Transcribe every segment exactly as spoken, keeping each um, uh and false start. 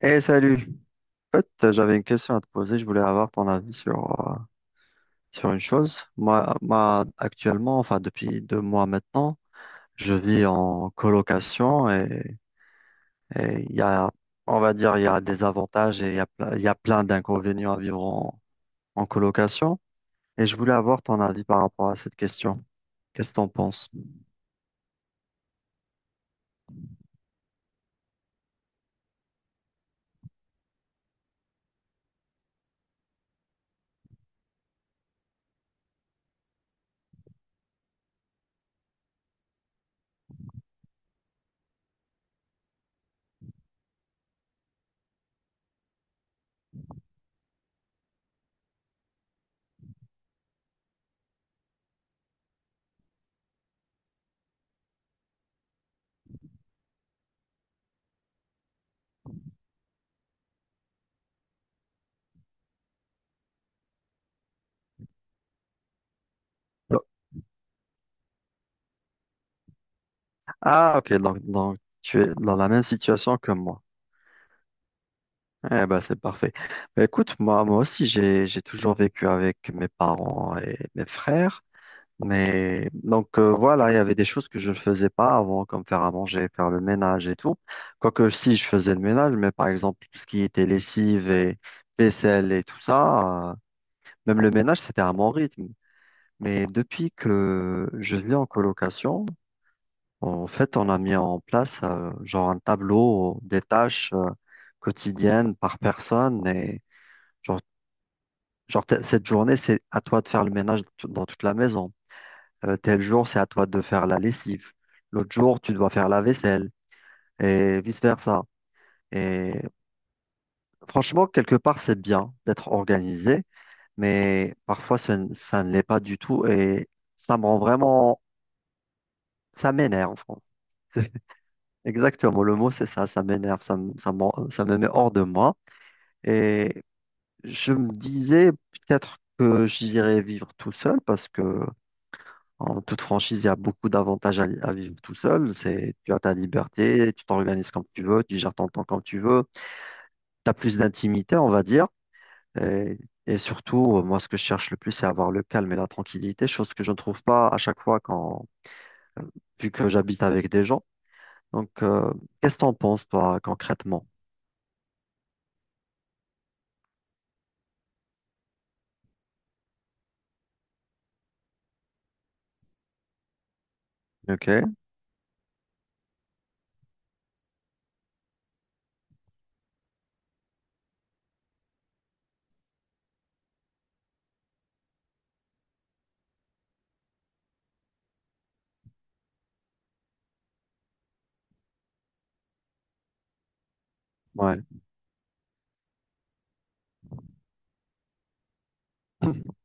Eh salut, en fait j'avais une question à te poser, je voulais avoir ton avis sur, euh, sur une chose. Moi, moi actuellement, enfin depuis deux mois maintenant, je vis en colocation et et il y a, on va dire, il y a des avantages et il y a, ple- il y a plein d'inconvénients à vivre en, en colocation. Et je voulais avoir ton avis par rapport à cette question. Qu'est-ce que t'en penses? Ah ok, donc, donc tu es dans la même situation que moi. Eh ben, c'est parfait. Bah, écoute, moi, moi aussi, j'ai, j'ai toujours vécu avec mes parents et mes frères. Mais donc, euh, voilà, il y avait des choses que je ne faisais pas avant, comme faire à manger, faire le ménage et tout. Quoique, si, je faisais le ménage, mais par exemple, tout ce qui était lessive et vaisselle et tout ça, euh, même le ménage, c'était à mon rythme. Mais depuis que je vis en colocation, en fait, on a mis en place, euh, genre un tableau des tâches, euh, quotidiennes par personne et genre Genre, t'as- cette journée, c'est à toi de faire le ménage t- dans toute la maison. Euh, tel jour, c'est à toi de faire la lessive. L'autre jour, tu dois faire la vaisselle et vice-versa. Et franchement, quelque part, c'est bien d'être organisé, mais parfois, ce n- ça ne l'est pas du tout et ça me rend vraiment, ça m'énerve. Exactement, le mot, c'est ça, ça m'énerve, ça, me- ça, me rend- ça me met hors de moi. Et je me disais peut-être que j'irais vivre tout seul parce que En toute franchise, il y a beaucoup d'avantages à, à vivre tout seul. C'est, tu as ta liberté, tu t'organises comme tu veux, tu gères ton temps comme tu veux. Tu as plus d'intimité, on va dire. Et, et surtout, euh, moi, ce que je cherche le plus, c'est avoir le calme et la tranquillité, chose que je ne trouve pas à chaque fois quand, vu que j'habite avec des gens. Donc, euh, qu'est-ce que t'en penses, toi, concrètement? Ok, ouais.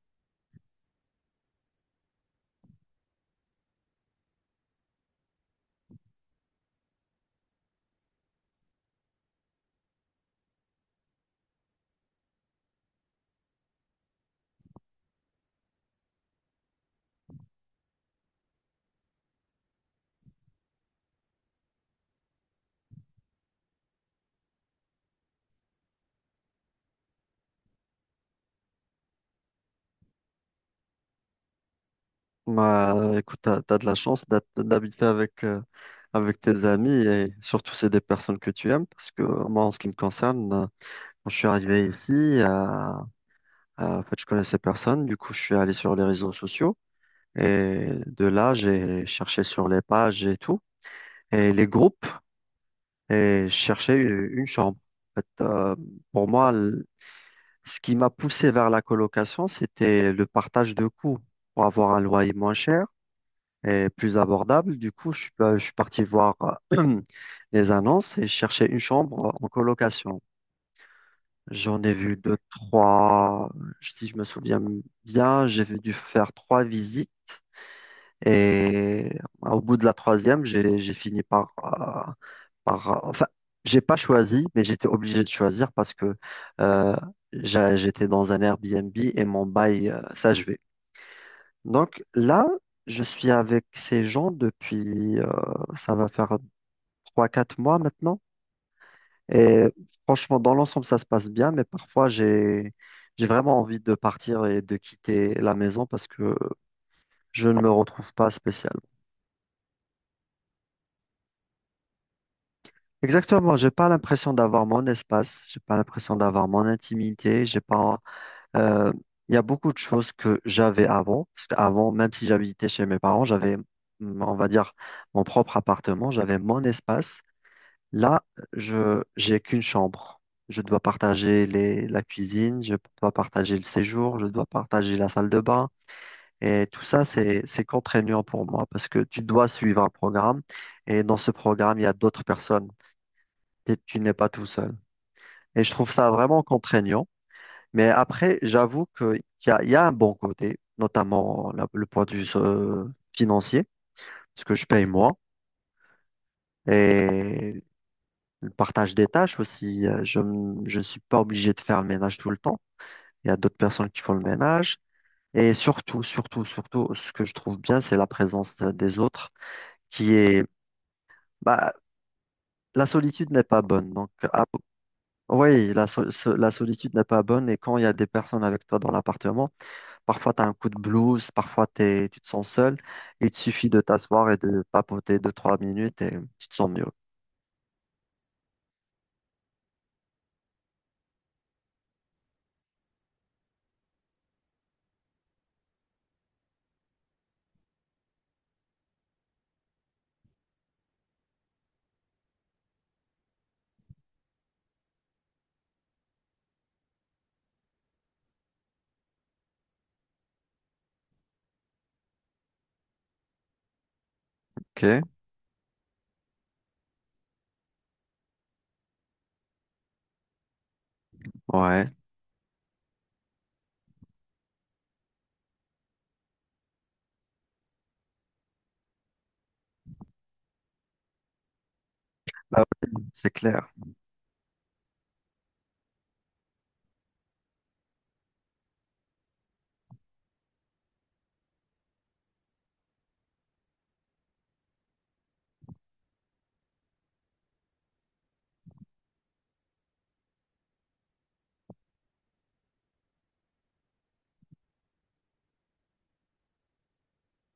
Bah, écoute, t'as, t'as de la chance d'être- d'habiter avec, euh, avec tes amis et surtout c'est des personnes que tu aimes parce que moi, en ce qui me concerne, quand je suis arrivé ici, euh, euh, en fait, je connaissais personne. Du coup, je suis allé sur les réseaux sociaux. Et de là, j'ai cherché sur les pages et tout, et les groupes, et je cherchais une, une chambre. En fait, euh, pour moi, le- ce qui m'a poussé vers la colocation, c'était le partage de coûts pour avoir un loyer moins cher et plus abordable. Du coup, je suis, euh, je suis parti voir euh, les annonces et chercher une chambre en colocation. J'en ai vu deux, trois. Si je me souviens bien, j'ai dû faire trois visites. Et au bout de la troisième, j'ai j'ai fini par, euh, par, euh, enfin, j'ai pas choisi, mais j'étais obligé de choisir parce que euh, j'a- j'étais dans un Airbnb et mon bail euh, s'achevait. Donc là, je suis avec ces gens depuis, euh, ça va faire trois, quatre mois maintenant. Et franchement, dans l'ensemble, ça se passe bien, mais parfois, j'ai, j'ai vraiment envie de partir et de quitter la maison parce que je ne me retrouve pas spécialement. Exactement, j'ai pas l'impression d'avoir mon espace, j'ai pas l'impression d'avoir mon intimité, j'ai pas, euh, il y a beaucoup de choses que j'avais avant, parce qu'avant, même si j'habitais chez mes parents, j'avais, on va dire, mon propre appartement, j'avais mon espace. Là, je j'ai qu'une chambre. Je dois partager les, la cuisine, je dois partager le séjour, je dois partager la salle de bain. Et tout ça, c'est c'est contraignant pour moi parce que tu dois suivre un programme et dans ce programme, il y a d'autres personnes. T'es- Tu n'es pas tout seul. Et je trouve ça vraiment contraignant. Mais après, j'avoue que- qu'il y a, il y a un bon côté, notamment la- le point de vue euh, financier, parce que je paye moi. Et le partage des tâches aussi, euh, je m- je ne suis pas obligé de faire le ménage tout le temps. Il y a d'autres personnes qui font le ménage. Et surtout, surtout, surtout, ce que je trouve bien, c'est la présence de- des autres qui est... Bah, la solitude n'est pas bonne. Donc, ah, oui, la, sol- so- la solitude n'est pas bonne. Et quand il y a des personnes avec toi dans l'appartement, parfois tu as un coup de blues, parfois t'es- tu te sens seul. Il te suffit de t'asseoir et de papoter deux, trois minutes et tu te sens mieux. OK? Ouais. Bah oui, c'est clair.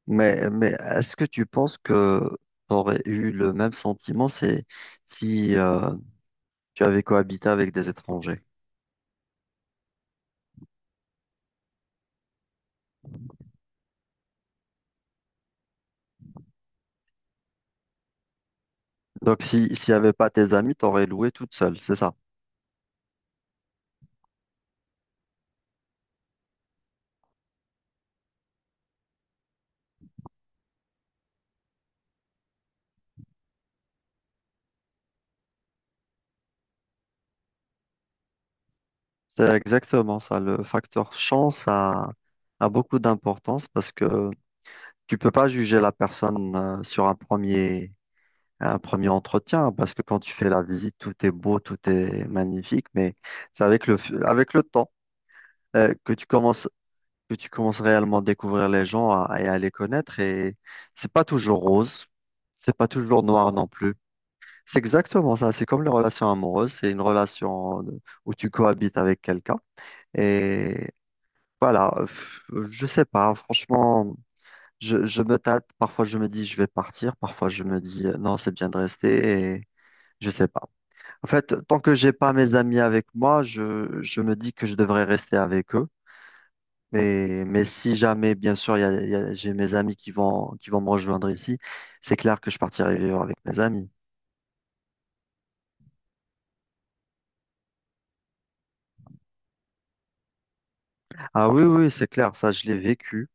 Mais, mais est-ce que tu penses que tu aurais eu le même sentiment c'est si euh, tu avais cohabité avec des étrangers? Donc, si, s'il n'y avait pas tes amis, tu aurais loué toute seule, c'est ça. C'est exactement ça. Le facteur chance a, a beaucoup d'importance parce que tu peux pas juger la personne euh, sur un premier, un premier entretien parce que quand tu fais la visite, tout est beau, tout est magnifique, mais c'est avec le, f- avec le temps euh, que tu commences que tu commences réellement à découvrir les gens à- et à les connaître. Et c'est pas toujours rose, c'est pas toujours noir non plus. C'est exactement ça. C'est comme les relations amoureuses. C'est une relation de- où tu cohabites avec quelqu'un. Et voilà, euh, je sais pas. Franchement, je, je me tâte. Parfois, je me dis je vais partir. Parfois, je me dis euh, non, c'est bien de rester. Et je sais pas. En fait, tant que j'ai pas mes amis avec moi, je, je me dis que je devrais rester avec eux. Mais, mais si jamais, bien sûr, il y a- il y a- j'ai mes amis qui vont, qui vont me rejoindre ici, c'est clair que je partirai vivre avec mes amis. Ah oui, oui, c'est clair, ça, je l'ai vécu.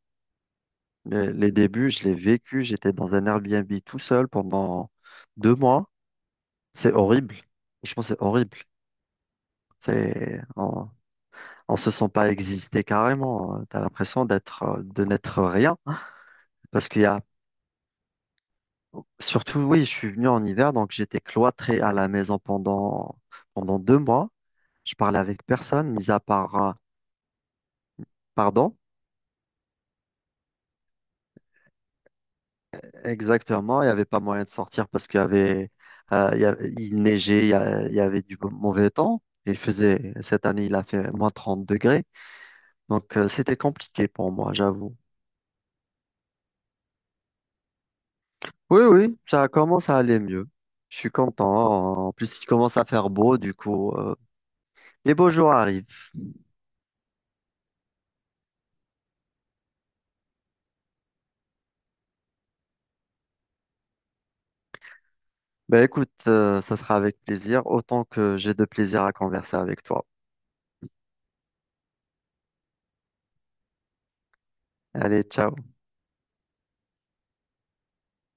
Les, les débuts, je l'ai vécu. J'étais dans un Airbnb tout seul pendant deux mois. C'est horrible. Franchement, c'est horrible. C'est, on, on se sent pas exister carrément. T'as l'impression d'être, euh, de n'être rien. Parce qu'il y a, surtout, oui, je suis venu en hiver, donc j'étais cloîtré à la maison pendant, pendant deux mois. Je parlais avec personne, mis à part. euh, Pardon? Exactement, il n'y avait pas moyen de sortir parce qu'il y avait, euh, il y avait- il neigeait, il y a- il y avait du mauvais temps. Il faisait, cette année, il a fait moins trente degrés. Donc, euh, c'était compliqué pour moi, j'avoue. Oui, oui, ça commence à aller mieux. Je suis content. En plus, il commence à faire beau, du coup, euh, les beaux jours arrivent. Ben écoute, euh, ça sera avec plaisir, autant que j'ai de plaisir à converser avec toi. Allez, ciao.